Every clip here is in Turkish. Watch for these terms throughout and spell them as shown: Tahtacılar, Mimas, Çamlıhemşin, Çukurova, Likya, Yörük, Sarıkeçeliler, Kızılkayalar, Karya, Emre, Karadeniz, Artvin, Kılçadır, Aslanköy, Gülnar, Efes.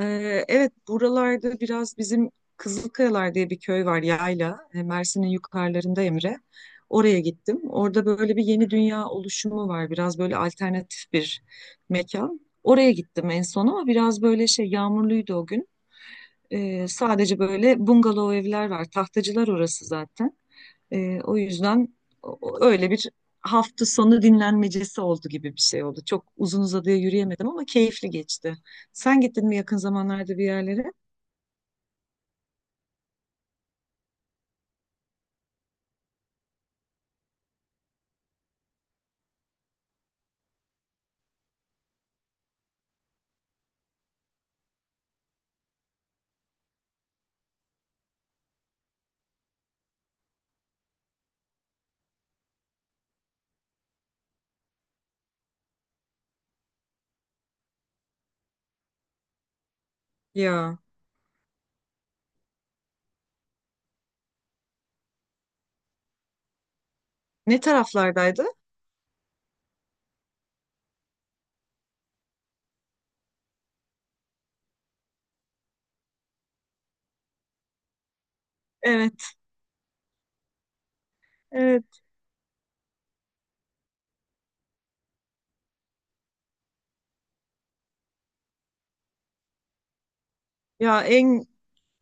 Evet, buralarda biraz bizim Kızılkayalar diye bir köy var, yayla. Mersin'in yukarılarında Emre. Oraya gittim. Orada böyle bir yeni dünya oluşumu var. Biraz böyle alternatif bir mekan. Oraya gittim en son ama biraz böyle şey yağmurluydu o gün. Sadece böyle bungalov evler var. Tahtacılar orası zaten. O yüzden öyle bir hafta sonu dinlenmecesi oldu gibi bir şey oldu. Çok uzun uzadıya yürüyemedim ama keyifli geçti. Sen gittin mi yakın zamanlarda bir yerlere? Ya ne taraflardaydı? Evet, evet. Ya en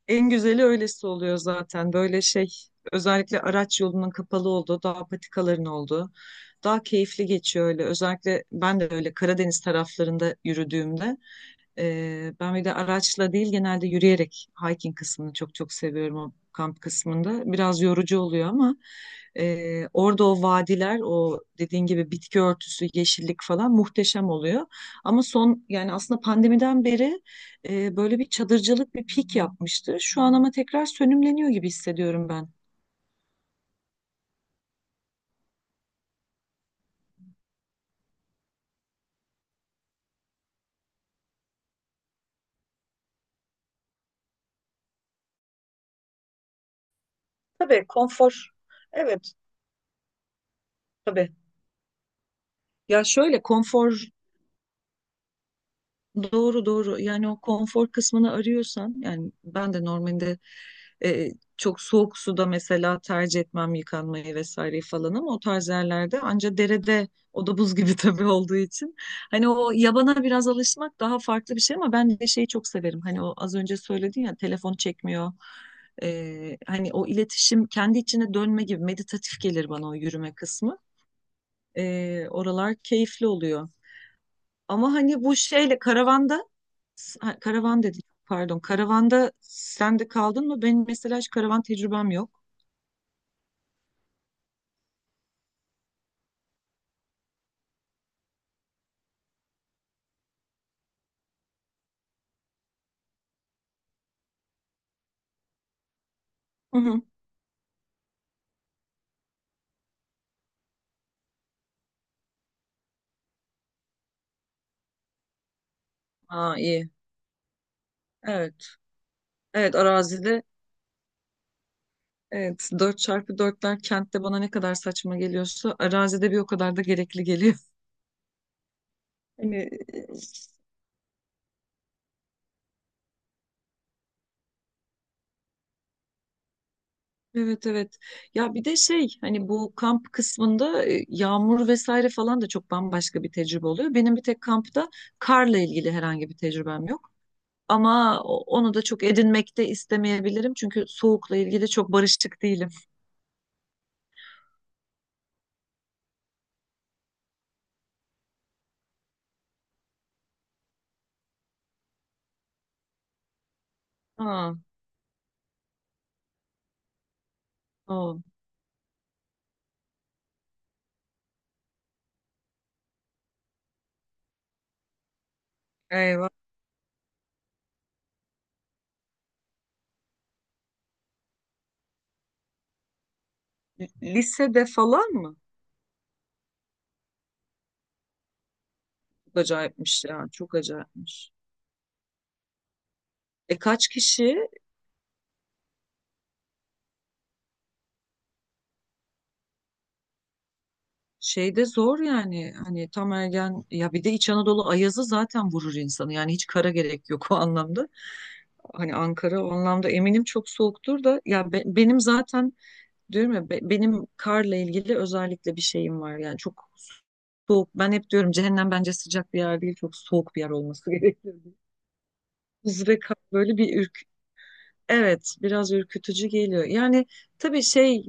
en güzeli öylesi oluyor zaten. Böyle şey özellikle araç yolunun kapalı olduğu, dağ patikaların olduğu daha keyifli geçiyor öyle. Özellikle ben de öyle Karadeniz taraflarında yürüdüğümde. Ben bir de araçla değil genelde yürüyerek hiking kısmını çok çok seviyorum o kamp kısmında. Biraz yorucu oluyor ama orada o vadiler, o dediğin gibi bitki örtüsü, yeşillik falan muhteşem oluyor. Ama son yani aslında pandemiden beri böyle bir çadırcılık bir pik yapmıştı. Şu an ama tekrar sönümleniyor gibi hissediyorum ben. Tabii konfor. Evet tabii. Ya şöyle konfor. Doğru doğru yani o konfor kısmını arıyorsan yani ben de normalde e, çok soğuk suda mesela tercih etmem yıkanmayı vesaire falan ama o tarz yerlerde anca derede o da buz gibi tabii olduğu için hani o yabana biraz alışmak daha farklı bir şey ama ben de şeyi çok severim hani o az önce söyledin ya telefon çekmiyor. Hani o iletişim kendi içine dönme gibi meditatif gelir bana o yürüme kısmı. Oralar keyifli oluyor. Ama hani bu şeyle karavanda, ha, karavan dedik. Pardon. Karavanda sen de kaldın mı? Benim mesela hiç karavan tecrübem yok. Hı hı. Aa iyi. Evet. Evet arazide evet dört çarpı dörtler kentte bana ne kadar saçma geliyorsa arazide bir o kadar da gerekli geliyor. Hani e, evet evet. Ya bir de şey hani bu kamp kısmında yağmur vesaire falan da çok bambaşka bir tecrübe oluyor. Benim bir tek kampta karla ilgili herhangi bir tecrübem yok. Ama onu da çok edinmek de istemeyebilirim. Çünkü soğukla ilgili çok barışık değilim. Ha, o. Eyvah. Lisede falan mı? Çok acayipmiş yani. Çok acayipmiş. E, kaç kişi? Şeyde zor yani. Hani tam ergen ya bir de İç Anadolu ayazı zaten vurur insanı. Yani hiç kara gerek yok o anlamda. Hani Ankara o anlamda eminim çok soğuktur da ya benim zaten. Diyorum ya benim karla ilgili özellikle bir şeyim var yani çok soğuk. Ben hep diyorum cehennem bence sıcak bir yer değil, çok soğuk bir yer olması gerekir, diye. Buz ve kar böyle bir. Evet, biraz ürkütücü geliyor. Yani tabii şey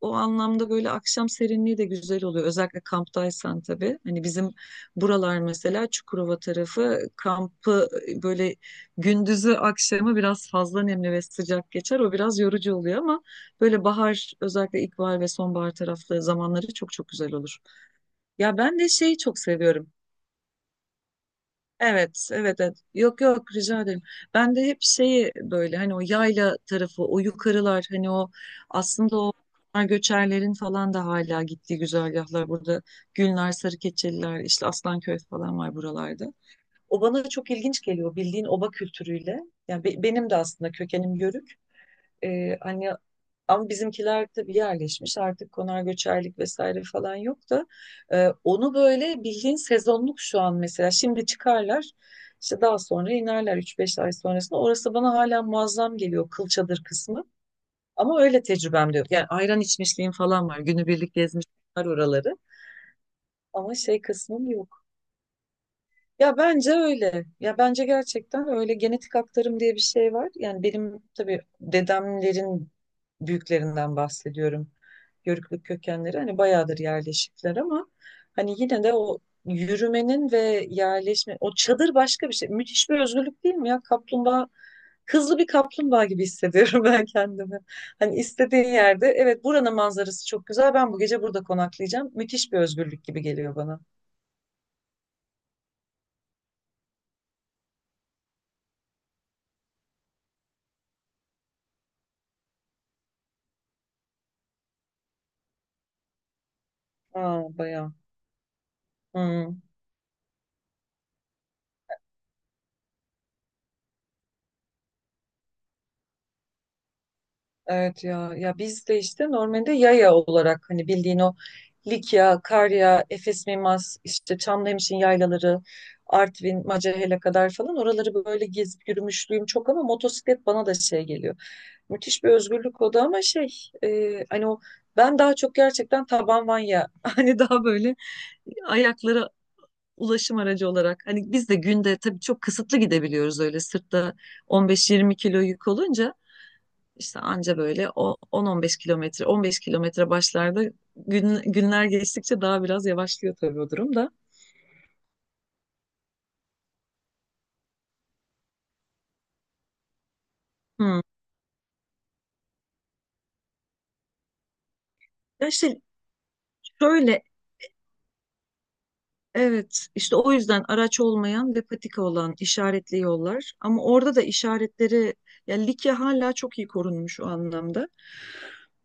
o anlamda böyle akşam serinliği de güzel oluyor. Özellikle kamptaysan tabii. Hani bizim buralar mesela Çukurova tarafı kampı böyle gündüzü akşamı biraz fazla nemli ve sıcak geçer. O biraz yorucu oluyor ama böyle bahar özellikle ilkbahar ve sonbahar taraflı zamanları çok çok güzel olur. Ya ben de şeyi çok seviyorum. Evet, evet, evet. Yok yok rica ederim. Ben de hep şeyi böyle hani o yayla tarafı, o yukarılar hani o aslında o göçerlerin falan da hala gittiği güzergahlar burada. Gülnar, Sarıkeçeliler, işte Aslanköy falan var buralarda. O bana çok ilginç geliyor bildiğin oba kültürüyle. Yani benim de aslında kökenim Yörük. Hani ama bizimkiler tabii yerleşmiş artık konar göçerlik vesaire falan yok da onu böyle bildiğin sezonluk şu an mesela şimdi çıkarlar işte daha sonra inerler üç beş ay sonrasında orası bana hala muazzam geliyor Kılçadır kısmı ama öyle tecrübem de yok yani ayran içmişliğim falan var günübirlik gezmişler oraları ama şey kısmım yok ya bence öyle. Ya bence gerçekten öyle genetik aktarım diye bir şey var. Yani benim tabii dedemlerin büyüklerinden bahsediyorum. Yörüklük kökenleri hani bayağıdır yerleşikler ama hani yine de o yürümenin ve yerleşme o çadır başka bir şey. Müthiş bir özgürlük değil mi ya? Kaplumbağa, hızlı bir kaplumbağa gibi hissediyorum ben kendimi. Hani istediğin yerde, evet, buranın manzarası çok güzel. Ben bu gece burada konaklayacağım. Müthiş bir özgürlük gibi geliyor bana. Aa bayağı. Hmm. Evet ya biz de işte normalde yaya olarak hani bildiğin o Likya, Karya, Efes Mimas, işte Çamlıhemşin yaylaları, Artvin, Macahel'e kadar falan oraları böyle gezip yürümüşlüğüm çok ama motosiklet bana da şey geliyor. Müthiş bir özgürlük o da ama şey hani o ben daha çok gerçekten taban vanya hani daha böyle ayaklara ulaşım aracı olarak hani biz de günde tabii çok kısıtlı gidebiliyoruz öyle sırtta 15-20 kilo yük olunca işte anca böyle o 10-15 kilometre, 15 kilometre başlarda günler geçtikçe daha biraz yavaşlıyor tabii o durum da. Hmm. Ya işte şöyle evet işte o yüzden araç olmayan ve patika olan işaretli yollar ama orada da işaretleri ya Likya hala çok iyi korunmuş o anlamda.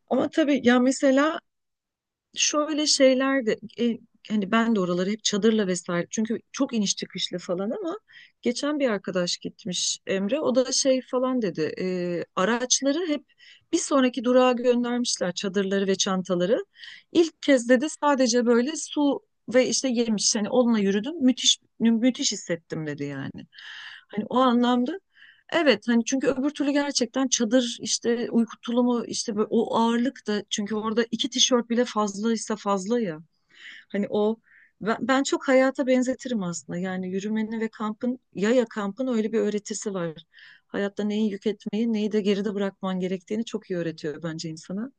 Ama tabii ya mesela şöyle şeyler de e, hani ben de oraları hep çadırla vesaire çünkü çok iniş çıkışlı falan ama geçen bir arkadaş gitmiş Emre o da şey falan dedi araçları hep bir sonraki durağa göndermişler çadırları ve çantaları. İlk kez dedi sadece böyle su ve işte yemiş hani onunla yürüdüm müthiş müthiş hissettim dedi yani. Hani o anlamda evet hani çünkü öbür türlü gerçekten çadır işte uyku tulumu işte böyle o ağırlık da çünkü orada iki tişört bile fazlaysa fazla ya. Hani o ben çok hayata benzetirim aslında. Yani yürümenin ve kampın, yaya kampın öyle bir öğretisi var. Hayatta neyi yük etmeyi neyi de geride bırakman gerektiğini çok iyi öğretiyor bence insana.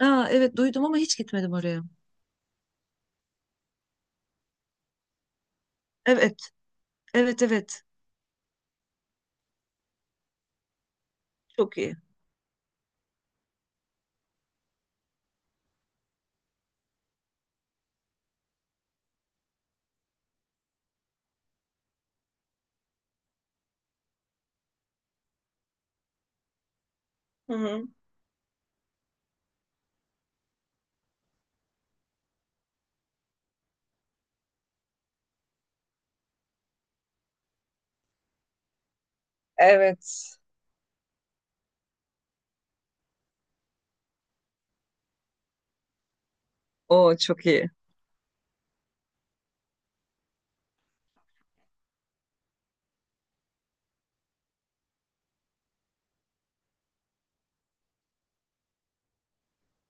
Aa, evet duydum ama hiç gitmedim oraya. Evet evet evet çok iyi. Hı hı. Evet. O çok iyi.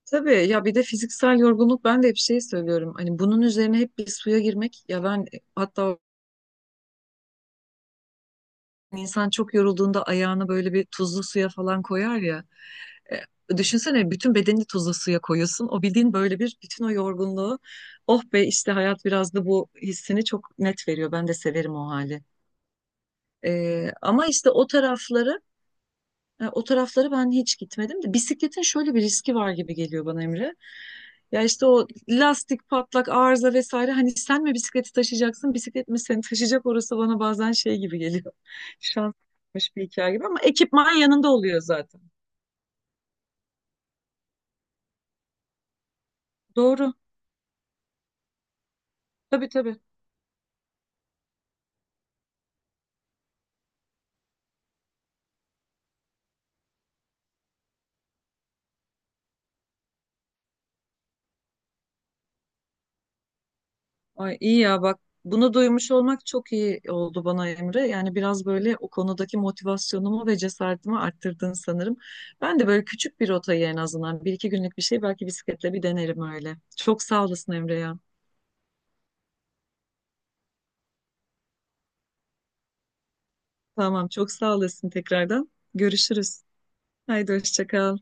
Tabii ya bir de fiziksel yorgunluk ben de hep şey söylüyorum. Hani bunun üzerine hep bir suya girmek ya ben hatta insan çok yorulduğunda ayağını böyle bir tuzlu suya falan koyar ya. Düşünsene bütün bedenini tuzlu suya koyuyorsun. O bildiğin böyle bir bütün o yorgunluğu, oh be, işte hayat biraz da bu hissini çok net veriyor. Ben de severim o hali. Ama işte o tarafları. O taraflara ben hiç gitmedim de bisikletin şöyle bir riski var gibi geliyor bana Emre. Ya işte o lastik patlak arıza vesaire hani sen mi bisikleti taşıyacaksın bisiklet mi seni taşıyacak orası bana bazen şey gibi geliyor. Şanslıymış bir hikaye gibi ama ekipman yanında oluyor zaten. Doğru. Tabii tabii. Ay iyi ya bak bunu duymuş olmak çok iyi oldu bana Emre. Yani biraz böyle o konudaki motivasyonumu ve cesaretimi arttırdın sanırım. Ben de böyle küçük bir rotayı en azından bir iki günlük bir şey belki bisikletle bir denerim öyle. Çok sağ olasın Emre ya. Tamam çok sağ olasın tekrardan. Görüşürüz. Haydi hoşça kal.